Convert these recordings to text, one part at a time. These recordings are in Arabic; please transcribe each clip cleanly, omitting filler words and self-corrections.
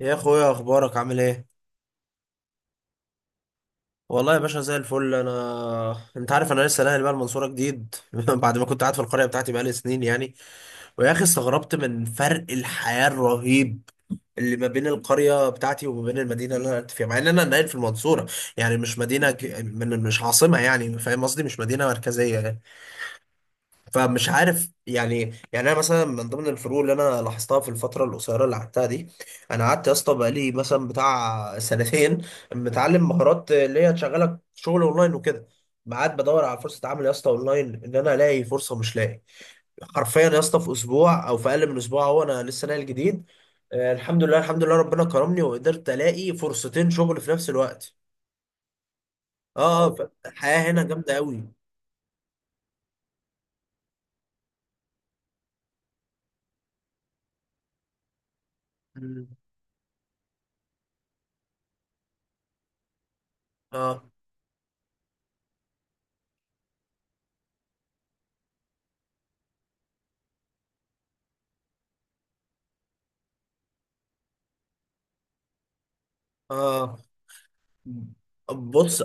يا اخويا، اخبارك عامل ايه؟ والله يا باشا زي الفل، انت عارف انا لسه ناقل بقى المنصوره جديد بعد ما كنت قاعد في القريه بتاعتي بقالي سنين يعني. ويا اخي استغربت من فرق الحياه الرهيب اللي ما بين القريه بتاعتي وما بين المدينه اللي انا قاعد فيها، مع ان انا ناقل في المنصوره. يعني مش مدينه مش عاصمه، يعني فاهم قصدي، مش مدينه مركزيه. فمش عارف يعني. يعني انا مثلا من ضمن الفروق اللي انا لاحظتها في الفتره القصيره اللي قعدتها دي، انا قعدت يا اسطى بقالي مثلا بتاع سنتين متعلم مهارات اللي هي تشغلك شغل اونلاين وكده. ما قعدت بدور على فرصه عمل يا اسطى اونلاين، ان انا الاقي فرصه، مش لاقي. حرفيا يا اسطى في اسبوع او في اقل من اسبوع، هو انا لسه ناقل جديد. آه، الحمد لله الحمد لله، ربنا كرمني وقدرت الاقي فرصتين شغل في نفس الوقت. اه اه، الحياه هنا جامده قوي. مم. اه اه. بص.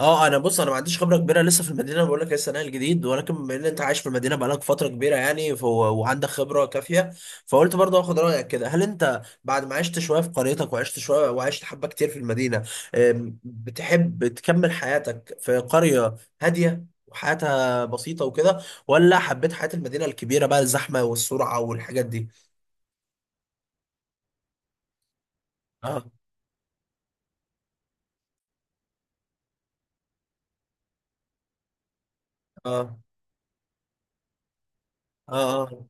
اه، انا بص، انا ما عنديش خبره كبيره لسه في المدينه، بقول لك لسه نقل جديد، ولكن بما ان انت عايش في المدينه بقالك فتره كبيره يعني، فهو وعندك خبره كافيه، فقلت برضه اخد رايك كده. هل انت بعد ما عشت شويه في قريتك وعشت شويه وعشت حبه كتير في المدينه، بتحب تكمل حياتك في قريه هاديه وحياتها بسيطه وكده، ولا حبيت حياه المدينه الكبيره بقى، الزحمه والسرعه والحاجات دي؟ اه اه اه اه.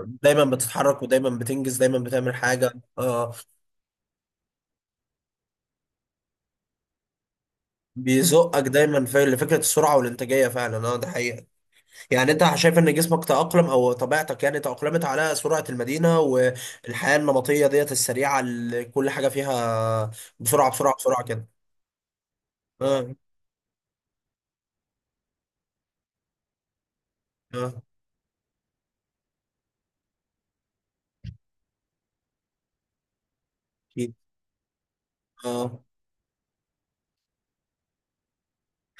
دايما بتتحرك ودايما بتنجز، دايما بتعمل حاجه. اه آه. بيزقك دايما في فكره السرعه والانتاجيه، فعلا اه، ده حقيقه. يعني انت شايف ان جسمك تاقلم، او طبيعتك يعني تاقلمت على سرعه المدينه والحياه النمطيه ديت السريعه اللي كل حاجه فيها بسرعه بسرعه بسرعه كده؟ اه اه. اكيد. اه.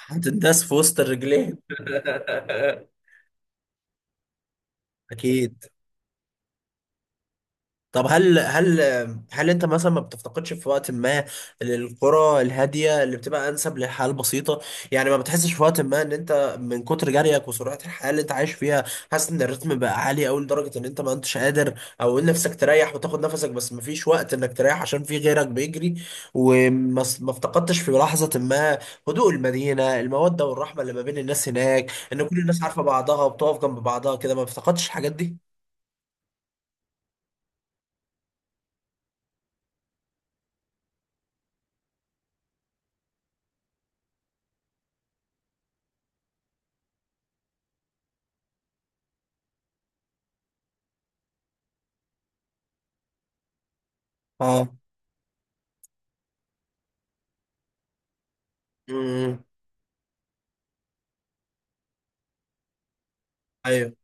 هتنداس في وسط الرجلين اكيد. طب هل انت مثلا ما بتفتقدش في وقت ما للقرى الهاديه اللي بتبقى انسب للحياه البسيطه؟ يعني ما بتحسش في وقت ما ان انت من كتر جريك وسرعه الحياه اللي انت عايش فيها، حاسس ان الريتم بقى عالي قوي لدرجه ان انت ما انتش قادر، او ان نفسك تريح وتاخد نفسك بس ما فيش وقت انك تريح عشان في غيرك بيجري؟ وما س- ما افتقدتش في لحظه ما هدوء المدينه، الموده والرحمه اللي ما بين الناس هناك، ان كل الناس عارفه بعضها وبتقف جنب بعضها كده؟ ما افتقدتش الحاجات دي؟ اه. امم. أيوه.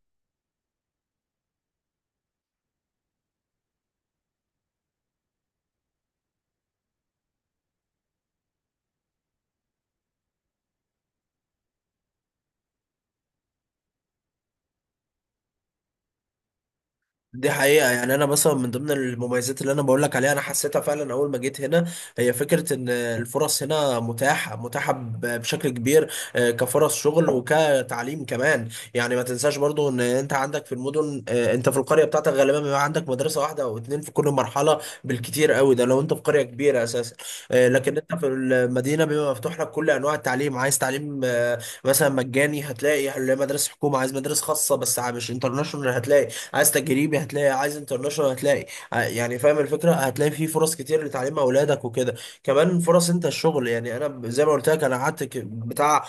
دي حقيقة، يعني أنا مثلا من ضمن المميزات اللي أنا بقول لك عليها أنا حسيتها فعلا أول ما جيت هنا، هي فكرة إن الفرص هنا متاحة متاحة بشكل كبير، كفرص شغل وكتعليم كمان. يعني ما تنساش برضو إن أنت عندك في المدن، أنت في القرية بتاعتك غالبا بيبقى عندك مدرسة واحدة أو اتنين في كل مرحلة بالكتير قوي، ده لو أنت في قرية كبيرة أساسا. لكن أنت في المدينة بيبقى مفتوح لك كل أنواع التعليم. عايز تعليم مثلا مجاني، هتلاقي مدارس حكومة. عايز مدارس خاصة بس مش انترناشونال، هتلاقي. عايز تجريبي هتلاقي، عايز انترناشونال هتلاقي. يعني فاهم الفكره، هتلاقي فيه فرص كتير لتعليم اولادك وكده. كمان فرص انت الشغل، يعني انا زي ما قلت لك انا قعدت بتاع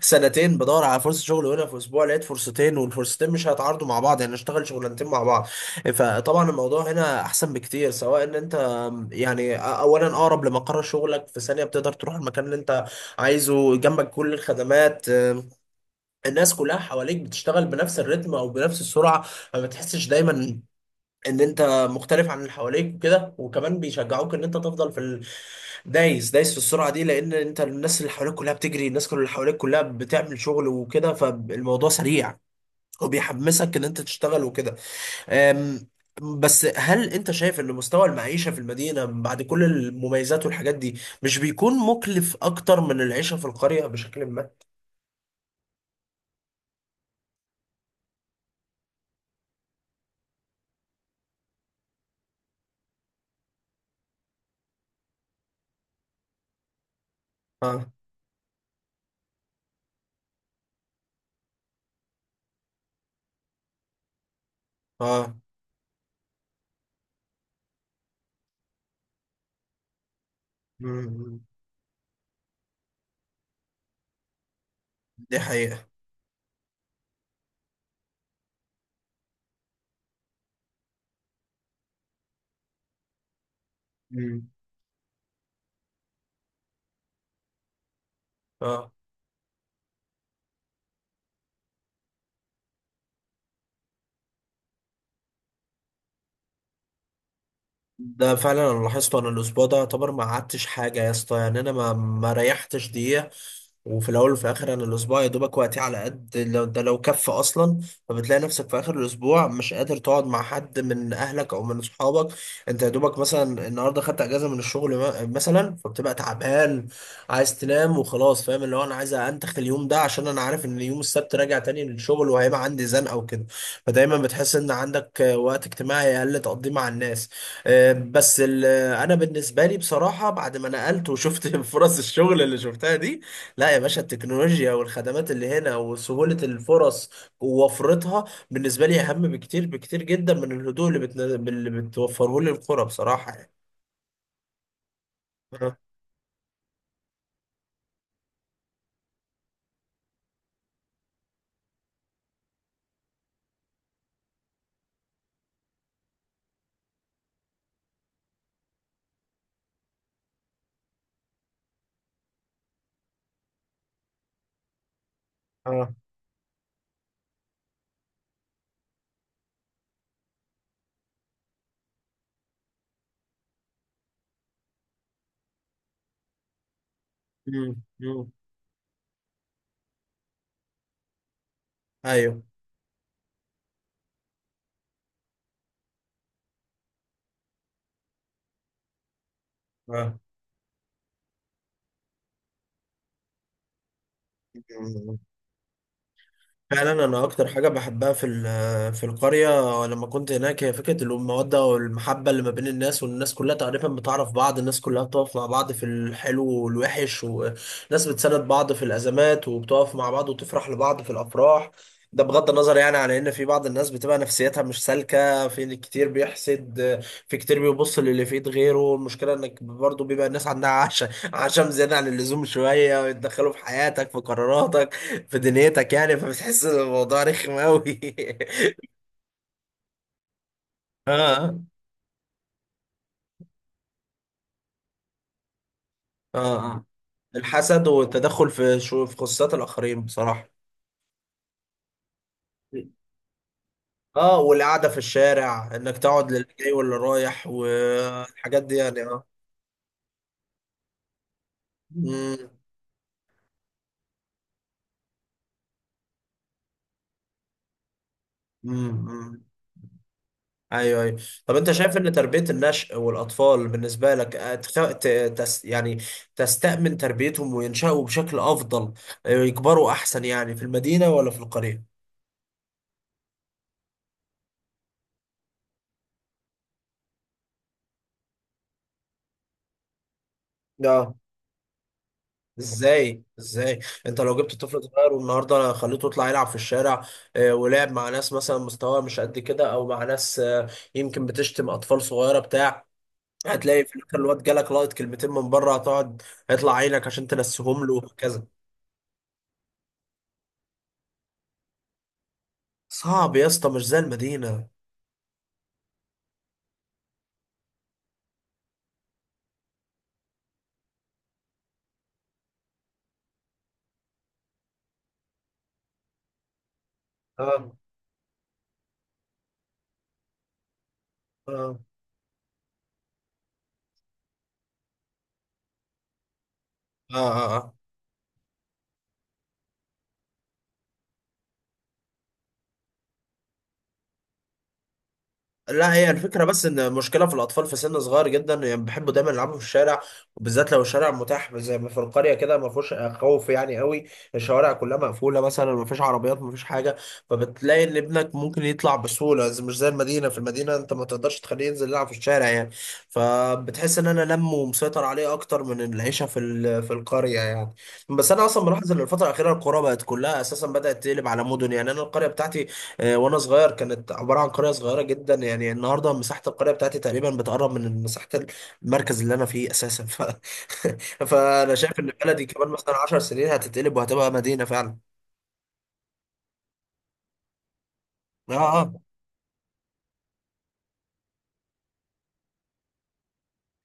سنتين بدور على فرصه شغل، وهنا في اسبوع لقيت فرصتين، والفرصتين مش هيتعارضوا مع بعض يعني، اشتغل شغلانتين مع بعض. فطبعا الموضوع هنا احسن بكتير، سواء ان انت يعني، اولا اقرب لمقر شغلك، في ثانيه بتقدر تروح المكان اللي انت عايزه، جنبك كل الخدمات، الناس كلها حواليك بتشتغل بنفس الريتم او بنفس السرعه، ما بتحسش دايما ان انت مختلف عن اللي حواليك وكده، وكمان بيشجعوك ان انت تفضل في دايس دايس في السرعه دي، لان انت الناس اللي حواليك كلها بتجري، الناس كل اللي حواليك كلها بتعمل شغل وكده، فالموضوع سريع وبيحمسك ان انت تشتغل وكده. أم، بس هل انت شايف ان مستوى المعيشه في المدينه بعد كل المميزات والحاجات دي مش بيكون مكلف اكتر من العيشه في القريه بشكل ما؟ اه اه. مم. دي حقيقه. امم. اه، ده فعلا انا لاحظته. انا الاسبوع ده يعتبر ما قعدتش حاجه يا اسطى، يعني انا ما ريحتش دقيقه، وفي الاول وفي الاخر انا الاسبوع يا دوبك وقتي على قد لو ده، لو كف اصلا. فبتلاقي نفسك في اخر الاسبوع مش قادر تقعد مع حد من اهلك او من اصحابك. انت يا دوبك مثلا النهارده خدت اجازه من الشغل، مثلا فبتبقى تعبان عايز تنام وخلاص، فاهم، اللي هو انا عايز انتخ اليوم ده عشان انا عارف ان يوم السبت راجع تاني للشغل وهيبقى عندي زنقه وكده. فدايما بتحس ان عندك وقت اجتماعي اقل تقضيه مع الناس. بس انا بالنسبه لي بصراحه بعد ما نقلت وشفت فرص الشغل اللي شفتها دي، لا يا باشا، التكنولوجيا والخدمات اللي هنا وسهوله الفرص ووفرتها بالنسبه لي اهم بكتير، بكتير جدا من الهدوء اللي بتن... اللي بتوفره لي القرى بصراحه يعني. اه اه. مم، مم. ايوه. اه، فعلا انا اكتر حاجه بحبها في في القريه لما كنت هناك، هي فكره الموده والمحبه اللي ما بين الناس، والناس كلها تقريبا بتعرف بعض، الناس كلها بتقف مع بعض في الحلو والوحش، وناس بتساند بعض في الازمات وبتقف مع بعض وتفرح لبعض في الافراح. ده بغض النظر يعني على ان في بعض الناس بتبقى نفسيتها مش سالكه، في كتير بيحسد، في كتير بيبص للي في ايد غيره. المشكله انك برضه بيبقى الناس عندها عشم، عشم زياده عن اللزوم شويه، ويتدخلوا في حياتك، في قراراتك، في دنيتك، يعني فبتحس ان الموضوع رخم قوي اه اه اه. الحسد والتدخل في شو، في خصوصيات الاخرين بصراحه. اه، والقعده في الشارع، انك تقعد للي جاي واللي رايح والحاجات دي يعني، اه. مم. مم. مم. ايوه ايوه. طب انت شايف ان تربيه النشء والاطفال بالنسبه لك يعني تستأمن تربيتهم وينشأوا بشكل افضل، يكبروا احسن يعني، في المدينه ولا في القريه؟ اه. ازاي ازاي؟ انت لو جبت طفل صغير والنهارده خليته يطلع يلعب في الشارع، ولعب مع ناس مثلا مستواه مش قد كده، او مع ناس يمكن بتشتم، اطفال صغيره بتاع، هتلاقي في الاخر الواد جالك لايت كلمتين من بره، هتقعد هيطلع عينك عشان تنسيهم له وهكذا. صعب يا اسطى مش زي المدينه. اه اه اه اه، آه. لا، هي الفكرة بس إن المشكلة في الأطفال في سن صغير جدا يعني بيحبوا دايما يلعبوا في الشارع، وبالذات لو الشارع متاح زي ما في القرية كده، ما فيهوش خوف يعني قوي، الشوارع كلها مقفولة مثلا، ما فيش عربيات ما فيش حاجة. فبتلاقي إن ابنك ممكن يطلع بسهولة، زي، مش زي المدينة. في المدينة أنت ما تقدرش تخليه ينزل يلعب في الشارع يعني، فبتحس إن أنا لم ومسيطر عليه أكتر من العيشة في في القرية يعني. بس أنا أصلا ملاحظ إن الفترة الأخيرة القرى بقت كلها أساسا بدأت تقلب على مدن. يعني أنا القرية بتاعتي وانا صغير كانت عباره عن قريه صغيره جدا، يعني النهارده مساحه القريه بتاعتي تقريبا بتقرب من مساحه المركز اللي انا فيه اساسا. فانا شايف ان بلدي كمان مثلا 10 سنين هتتقلب وهتبقى مدينه فعلا. اه اه.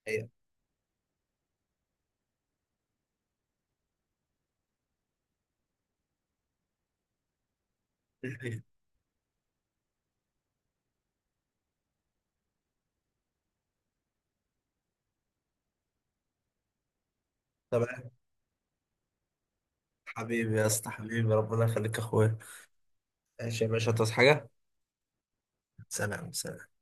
هي- هي. تمام. حبيبي يا اسطى، حبيبي ربنا يخليك يا اخويا. ماشي يا باشا، تصحى حاجه. سلام سلام.